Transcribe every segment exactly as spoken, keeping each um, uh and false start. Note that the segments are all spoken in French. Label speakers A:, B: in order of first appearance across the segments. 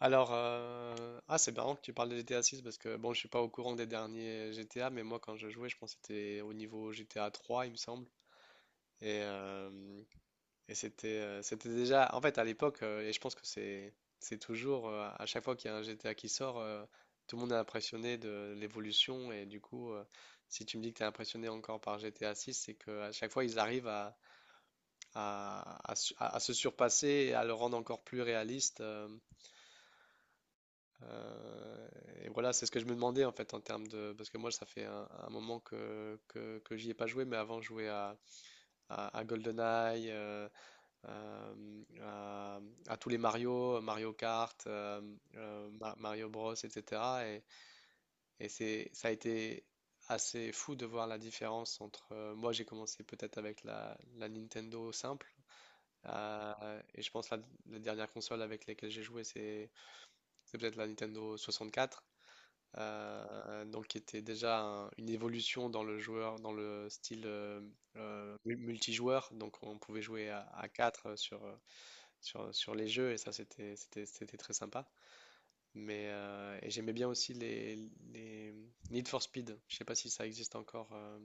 A: Alors, euh, ah, c'est marrant que tu parles de G T A six parce que bon, je suis pas au courant des derniers G T A, mais moi quand je jouais, je pense que c'était au niveau G T A trois, il me semble. Et, euh, et c'était euh, c'était déjà, en fait, à l'époque, euh, et je pense que c'est c'est toujours, euh, à chaque fois qu'il y a un G T A qui sort, euh, tout le monde est impressionné de l'évolution. Et du coup, euh, si tu me dis que tu es impressionné encore par G T A six, c'est que à chaque fois, ils arrivent à, à, à su- à- à se surpasser et à le rendre encore plus réaliste. euh, Euh, et voilà, c'est ce que je me demandais en fait en termes de... Parce que moi, ça fait un, un moment que, que, que j'y ai pas joué, mais avant, je jouais à, à, à GoldenEye, euh, euh, à, à tous les Mario, Mario Kart, euh, euh, Ma- Mario Bros, et cetera. Et, et c'est, ça a été assez fou de voir la différence entre... euh, moi, j'ai commencé peut-être avec la, la Nintendo simple. Euh, et je pense la, la dernière console avec laquelle j'ai joué, c'est c'est peut-être la Nintendo soixante-quatre. Euh, donc qui était déjà un- une évolution dans le joueur, dans le style euh, euh, mu- multijoueur. Donc on pouvait jouer à, à quatre sur, euh, sur, sur les jeux et ça c'était c'était- c'était très sympa. Mais euh, et j'aimais bien aussi les, les Need for Speed. Je sais pas si ça existe encore. Euh,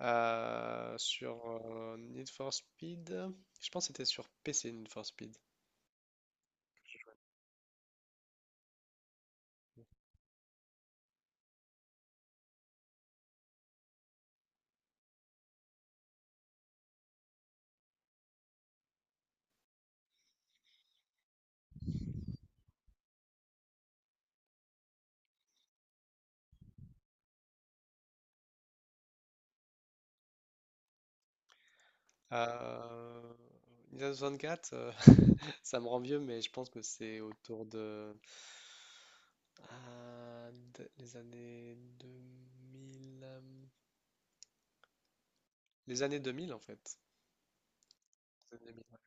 A: euh, sur euh, Need for Speed, je pense que c'était sur P C Need for Speed. Euh, Nintendo soixante-quatre, ça me rend vieux, mais je pense que c'est autour de, ah, de- les années deux mille. euh, Les années deux mille, en fait. Les années deux mille, ouais.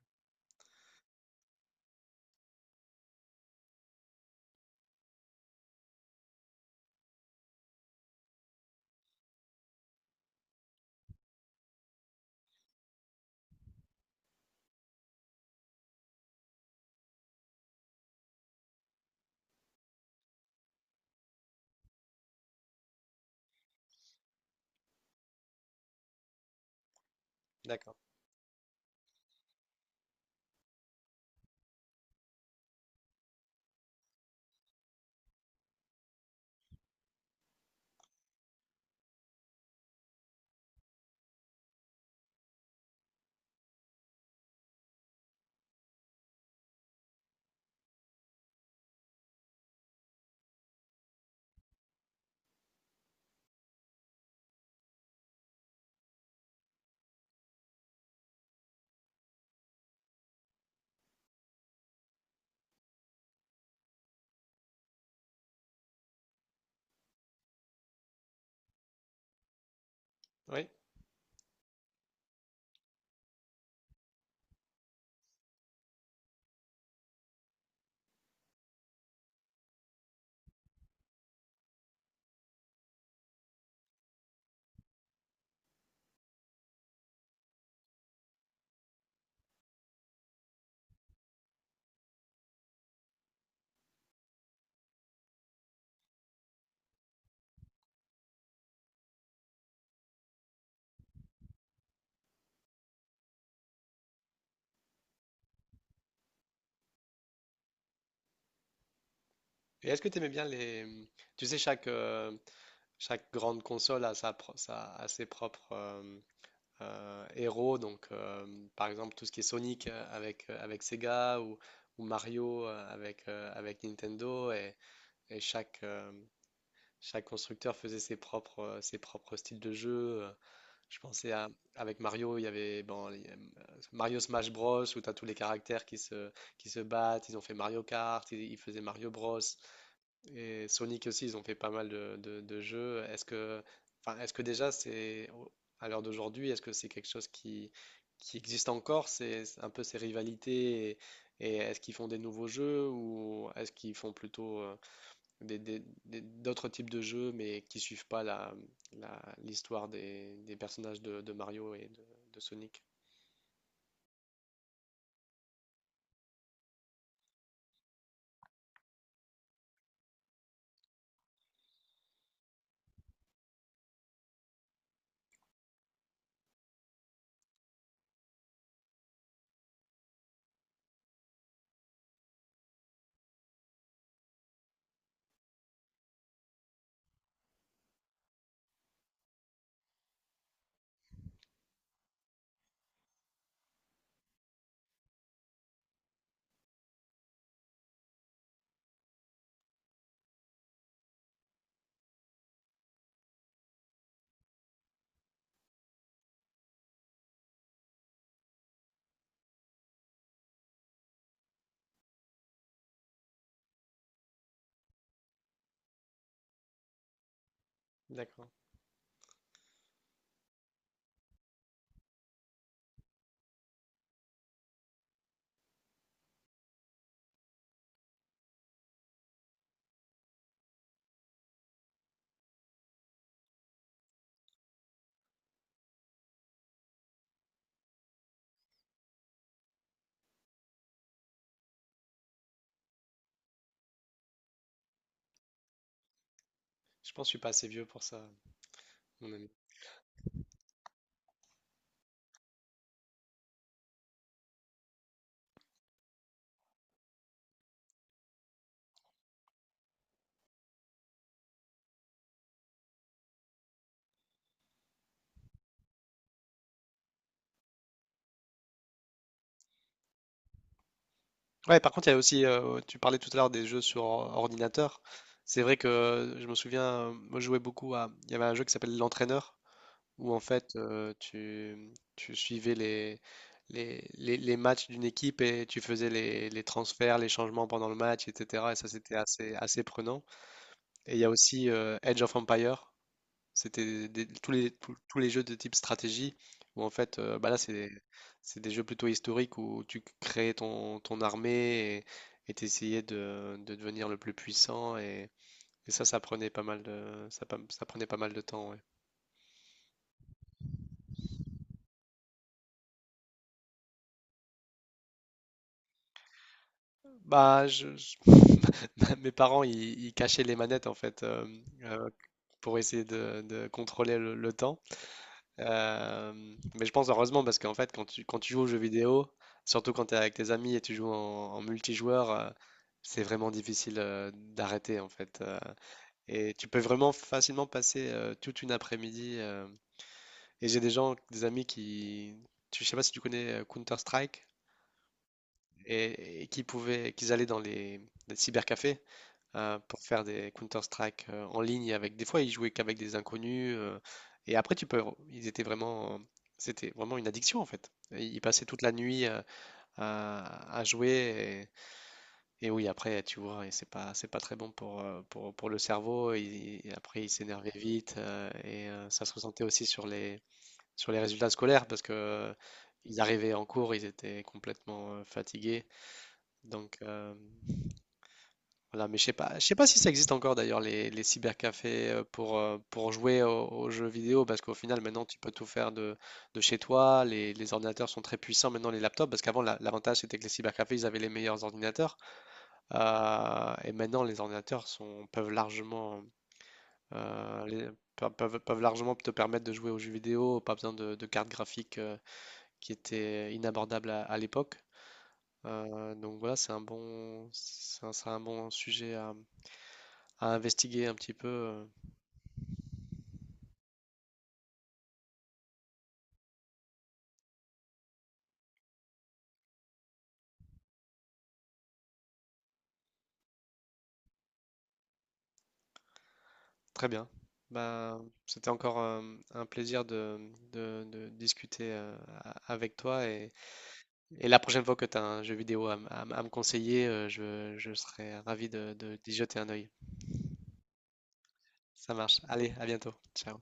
A: D'accord. Oui. Et est-ce que tu aimais bien les... Tu sais, chaque, euh, chaque grande console a sa pro- sa- a ses propres euh, euh, héros. Donc, euh, par exemple, tout ce qui est Sonic euh, avec, euh, avec Sega, ou, ou Mario euh, avec, euh, avec Nintendo. Et, et chaque, euh, chaque constructeur faisait ses propres, ses propres styles de jeu. euh, Je pensais à, avec Mario, il y avait bon, il y a, euh, Mario Smash Bros, où tu as tous les caractères qui se, qui se battent. Ils ont fait Mario Kart, ils, ils faisaient Mario Bros. Et Sonic aussi, ils ont fait pas mal de, de- de jeux. Est-ce que, enfin, est-ce que déjà, c'est au- à l'heure d'aujourd'hui, est-ce que c'est quelque chose qui, qui existe encore? C'est c'est un peu ces rivalités et, et est-ce qu'ils font des nouveaux jeux ou est-ce qu'ils font plutôt euh, des- des- des- d'autres types de jeux, mais qui suivent pas la, la- l'histoire des, des personnages de, de Mario et de, de Sonic. D'accord. Je pense que je suis pas assez vieux pour ça, mon ami. Ouais, par contre, il y a aussi, euh, tu parlais tout à l'heure des jeux sur or- ordinateur. C'est vrai que euh, je me souviens, euh, moi je jouais beaucoup à, il y avait un jeu qui s'appelle L'Entraîneur, où en fait euh, tu, tu suivais les, les, les- les matchs d'une équipe et tu faisais les, les transferts, les changements pendant le match, et cetera. Et ça c'était assez, assez prenant. Et il y a aussi euh, Age of Empire. C'était des- tous les, tous, tous les jeux de type stratégie où en fait, euh, bah là, c'est c'est des jeux plutôt historiques où tu créais ton, ton armée et tu essayais de, de devenir le plus puissant. Et, et ça, ça prenait pas mal de, ça, pa- ça prenait pas mal de temps. Ouais. Bah, je- je- mes parents, ils, ils cachaient les manettes en fait euh, euh, pour essayer de, de contrôler le, le temps. Euh, mais je pense heureusement parce qu'en fait, quand tu, quand tu joues aux jeux vidéo, surtout quand tu es avec tes amis et tu joues en, en multijoueur, euh, c'est vraiment difficile euh, d'arrêter en fait. Euh, et tu peux vraiment facilement passer euh, toute une après-midi. Euh, et j'ai des gens, des amis qui, tu, je sais pas si tu connais euh, Counter-Strike, et, et qui pouvaient, qu'ils allaient dans les, les cybercafés euh, pour faire des Counter-Strike euh, en ligne, avec des fois ils jouaient qu'avec des inconnus euh, et après tu peux ils étaient vraiment c'était vraiment une addiction en fait. Et ils passaient toute la nuit euh, à, à jouer et, et oui après tu vois, et c'est pas c'est pas très bon pour euh, pour, pour le cerveau, et, et après ils s'énervaient vite euh, et euh, ça se ressentait aussi sur les sur les résultats scolaires parce que euh, ils arrivaient en cours, ils étaient complètement euh, fatigués, donc euh, voilà. Mais je sais pas, je sais pas si ça existe encore d'ailleurs, les, les cybercafés, euh, pour, euh, pour jouer au- aux, jeux vidéo, parce qu'au final maintenant tu peux tout faire de, de chez toi. Les, les ordinateurs sont très puissants maintenant, les laptops, parce qu'avant la- l'avantage c'était que les cybercafés ils avaient les meilleurs ordinateurs, euh, et maintenant les ordinateurs sont, peuvent largement euh, les- pe- peuvent, peuvent largement te permettre de jouer aux jeux vidéo, pas besoin de, de cartes graphiques euh, qui étaient inabordables à, à l'époque. Euh, donc voilà, c'est un bon, c'est un c'est un bon sujet à à investiguer un petit peu. Euh. Très bien. Bah, c'était encore euh, un plaisir de, de- de discuter euh, a- avec toi, et, et la prochaine fois que tu as un jeu vidéo à, m- à m- à me conseiller, euh, je, je serai ravi de, de- d'y jeter un œil. Ça marche. Allez, à bientôt. Ciao.